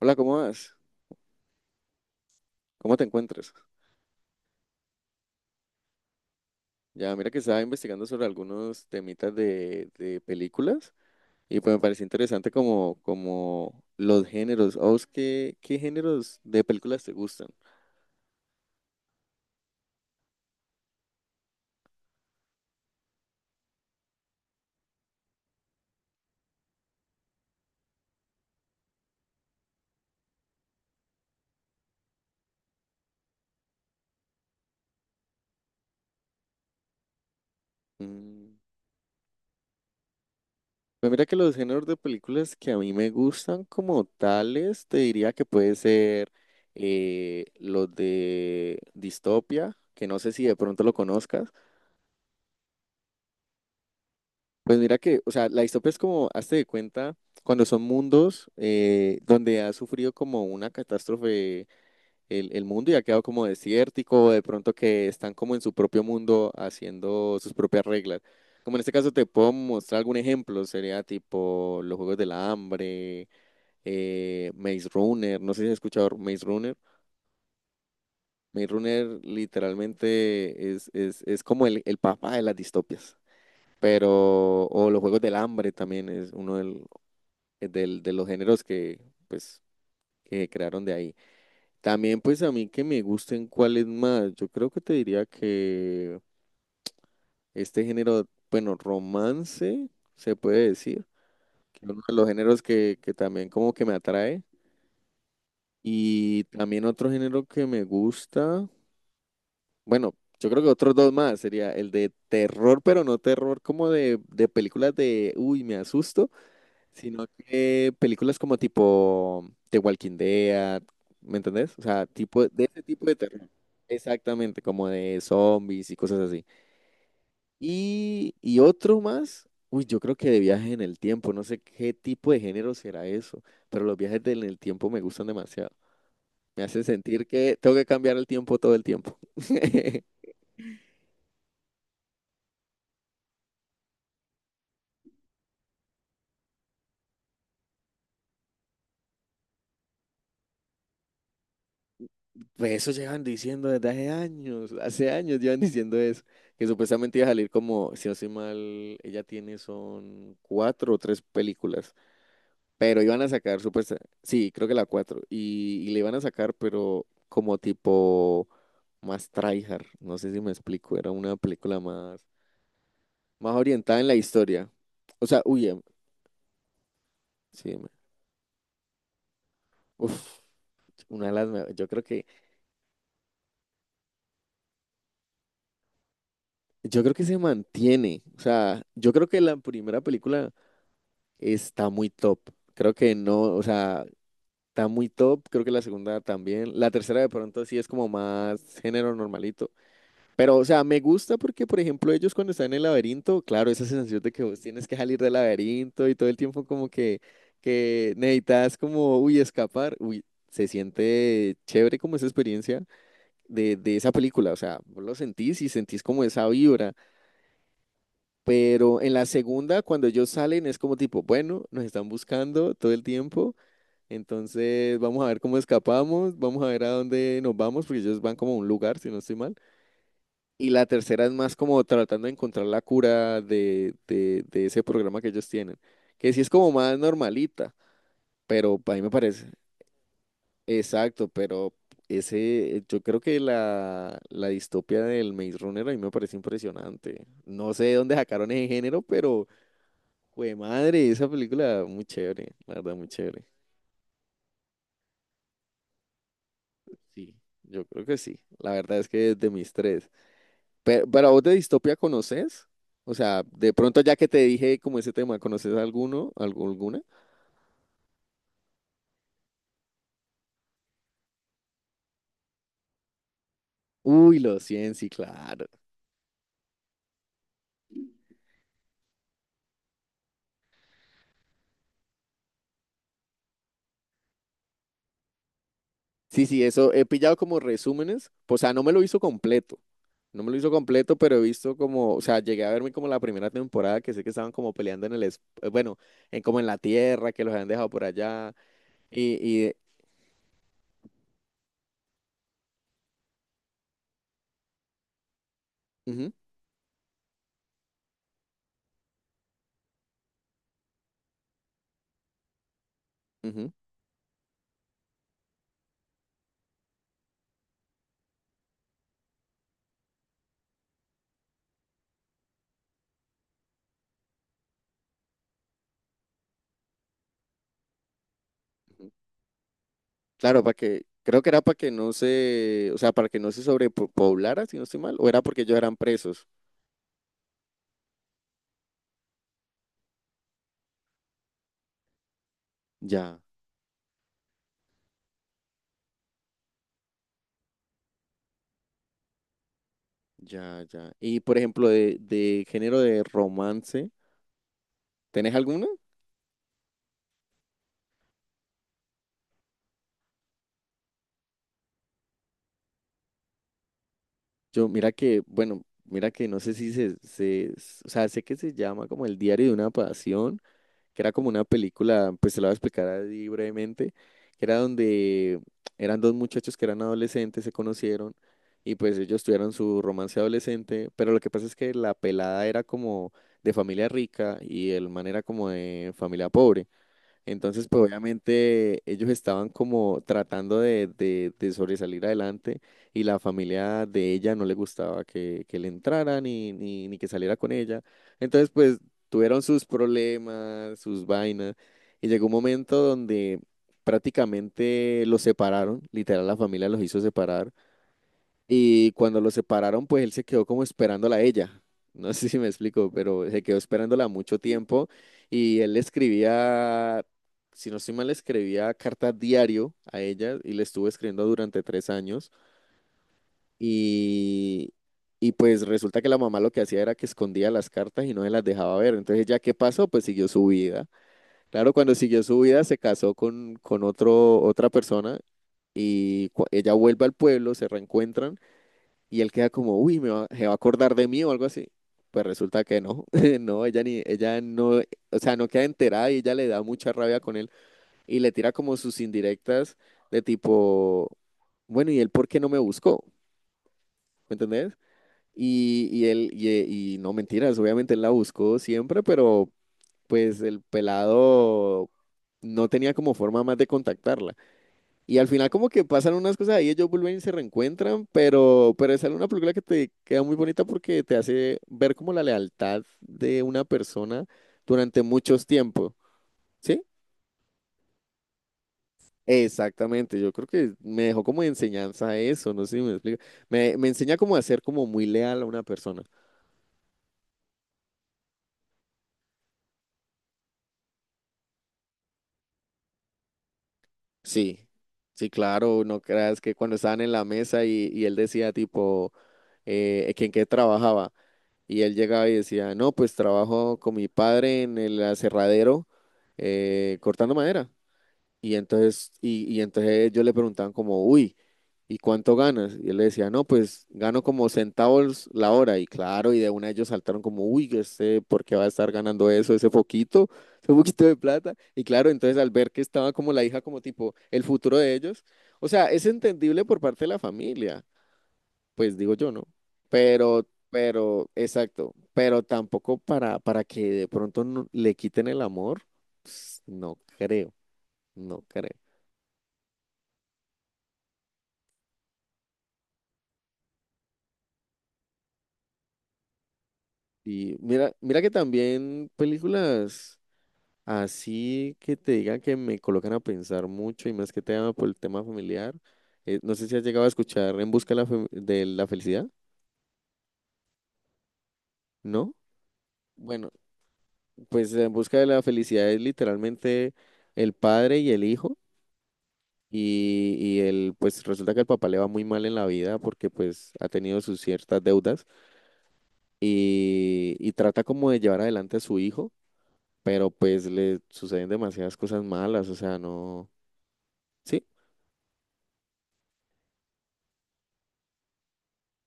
Hola, ¿cómo vas? ¿Cómo te encuentras? Ya, mira que estaba investigando sobre algunos temitas de películas y pues me pareció interesante como los géneros. ¿A vos qué géneros de películas te gustan? Mm, pues mira que los géneros de películas que a mí me gustan como tales, te diría que puede ser los de distopia, que no sé si de pronto lo conozcas. Pues mira que, o sea, la distopía es como, hazte de cuenta, cuando son mundos donde ha sufrido como una catástrofe el mundo y ha quedado como desértico, o de pronto que están como en su propio mundo haciendo sus propias reglas. Como en este caso te puedo mostrar algún ejemplo, sería tipo los Juegos del Hambre, Maze Runner, no sé si has escuchado Maze Runner. Maze Runner literalmente es como el papá de las distopias, pero o los Juegos del Hambre también es uno de los géneros pues, que crearon de ahí. También, pues, a mí que me gusten cuáles más. Yo creo que te diría que este género, bueno, romance, se puede decir, que es uno de los géneros que también como que me atrae. Y también otro género que me gusta, bueno, yo creo que otros dos más, sería el de terror, pero no terror como de películas de, uy, me asusto, sino que películas como tipo The Walking Dead, ¿me entendés? O sea, tipo de ese tipo de terror. Exactamente, como de zombies y cosas así. Y otro más, uy, yo creo que de viaje en el tiempo, no sé qué tipo de género será eso, pero los viajes en el tiempo me gustan demasiado. Me hace sentir que tengo que cambiar el tiempo todo el tiempo. Pues eso llevan diciendo desde hace años llevan diciendo eso, que supuestamente iba a salir como, si no estoy mal, ella tiene son cuatro o tres películas, pero iban a sacar supuestamente, sí, creo que la cuatro, y le iban a sacar, pero como tipo más tryhard, no sé si me explico, era una película más, más orientada en la historia, o sea, uy, sí, uf, una de las, yo creo yo creo que se mantiene, o sea, yo creo que la primera película está muy top. Creo que no, o sea, está muy top. Creo que la segunda también. La tercera de pronto sí es como más género normalito. Pero, o sea, me gusta porque, por ejemplo, ellos cuando están en el laberinto, claro, esa sensación de que vos tienes que salir del laberinto y todo el tiempo como que necesitas como, uy, escapar. Uy, se siente chévere como esa experiencia de esa película. O sea, vos lo sentís y sentís como esa vibra. Pero en la segunda, cuando ellos salen, es como tipo, bueno, nos están buscando todo el tiempo. Entonces, vamos a ver cómo escapamos, vamos a ver a dónde nos vamos, porque ellos van como a un lugar, si no estoy mal. Y la tercera es más como tratando de encontrar la cura de ese programa que ellos tienen, que sí es como más normalita, pero a mí me parece, exacto, pero ese, yo creo que la distopia del Maze Runner a mí me parece impresionante. No sé de dónde sacaron ese género, pero, jue madre, esa película muy chévere, la verdad, muy chévere. Sí, yo creo que sí. La verdad es que es de mis tres. Pero vos de distopía, ¿conoces? O sea, de pronto ya que te dije como ese tema, ¿conoces alguna? Uy, los 100, sí, claro. Sí, sí, eso he pillado como resúmenes. O sea, no me lo hizo completo. No me lo hizo completo, pero he visto como, o sea, llegué a verme como la primera temporada que sé que estaban como peleando en bueno, en como en la tierra, que los habían dejado por allá. Y, y, ujú, ujú. Claro, para que, creo que era para que no se, o sea, para que no se sobrepoblara, si no estoy mal, o era porque ellos eran presos. Ya, ya. Y por ejemplo, de género de romance, ¿tenés alguna? Yo, mira que, bueno, mira que no sé si o sea, sé que se llama como el diario de una pasión, que era como una película, pues se la voy a explicar así brevemente, que era donde eran dos muchachos que eran adolescentes, se conocieron y pues ellos tuvieron su romance adolescente, pero lo que pasa es que la pelada era como de familia rica y el man era como de familia pobre. Entonces, pues obviamente ellos estaban como tratando de sobresalir adelante y la familia de ella no le gustaba que le entrara ni que saliera con ella. Entonces, pues tuvieron sus problemas, sus vainas y llegó un momento donde prácticamente los separaron, literal la familia los hizo separar y cuando lo separaron, pues él se quedó como esperándola a ella. No sé si me explico, pero se quedó esperándola mucho tiempo y él le escribía, si no estoy mal, le escribía cartas diario a ella y le estuvo escribiendo durante tres años. Y, y pues resulta que la mamá lo que hacía era que escondía las cartas y no se las dejaba ver. Entonces, ¿ya qué pasó? Pues siguió su vida. Claro, cuando siguió su vida se casó con otra persona y ella vuelve al pueblo, se reencuentran y él queda como, uy, me va, se va a acordar de mí o algo así. Pues resulta que no, no, ella no, o sea, no queda enterada y ella le da mucha rabia con él y le tira como sus indirectas de tipo, bueno, ¿y él por qué no me buscó? ¿Me entendés? Y no mentiras, obviamente él la buscó siempre, pero pues el pelado no tenía como forma más de contactarla. Y al final como que pasan unas cosas ahí, ellos vuelven y se reencuentran, pero es una película que te queda muy bonita porque te hace ver como la lealtad de una persona durante muchos tiempos, ¿sí? Exactamente, yo creo que me dejó como enseñanza eso, no sé si me explico. Me enseña como a ser como muy leal a una persona. Sí, sí, claro, no creas que cuando estaban en la mesa y él decía tipo, que en qué trabajaba. Y él llegaba y decía, no, pues trabajo con mi padre en el aserradero, cortando madera. Y entonces yo le preguntaban como, uy, ¿y cuánto ganas? Y él le decía, no, pues gano como centavos la hora. Y claro, y de una ellos saltaron como, uy, yo sé por qué va a estar ganando eso, ese poquito de plata. Y claro, entonces al ver que estaba como la hija, como tipo, el futuro de ellos, o sea, es entendible por parte de la familia, pues digo yo, ¿no? Pero, exacto, pero tampoco para que de pronto le quiten el amor, pues, no creo, no creo. Y mira, mira que también películas así que te digan que me colocan a pensar mucho y más que te llama por el tema familiar. No sé si has llegado a escuchar En busca de de la felicidad, ¿no? Bueno, pues En busca de la felicidad es literalmente el padre y el hijo. Y él, pues resulta que el papá le va muy mal en la vida porque pues ha tenido sus ciertas deudas y trata como de llevar adelante a su hijo, pero pues le suceden demasiadas cosas malas, o sea, no... Sí,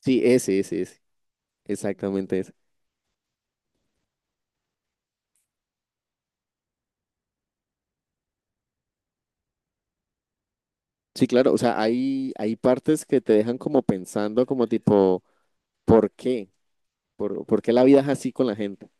sí, ese, exactamente ese. Sí, claro, o sea, hay partes que te dejan como pensando como tipo, ¿por qué? ¿Por qué la vida es así con la gente?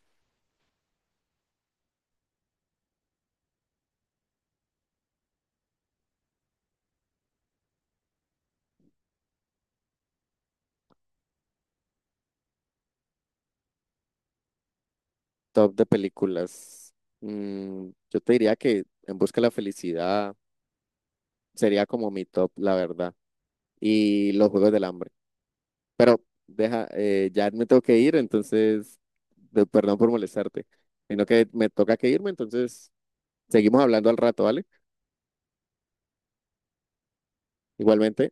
Top de películas. Mm, yo te diría que En busca de la felicidad sería como mi top, la verdad. Y los Juegos del Hambre. Pero deja, ya me tengo que ir, entonces, perdón por molestarte, sino que me toca que irme, entonces seguimos hablando al rato, ¿vale? Igualmente.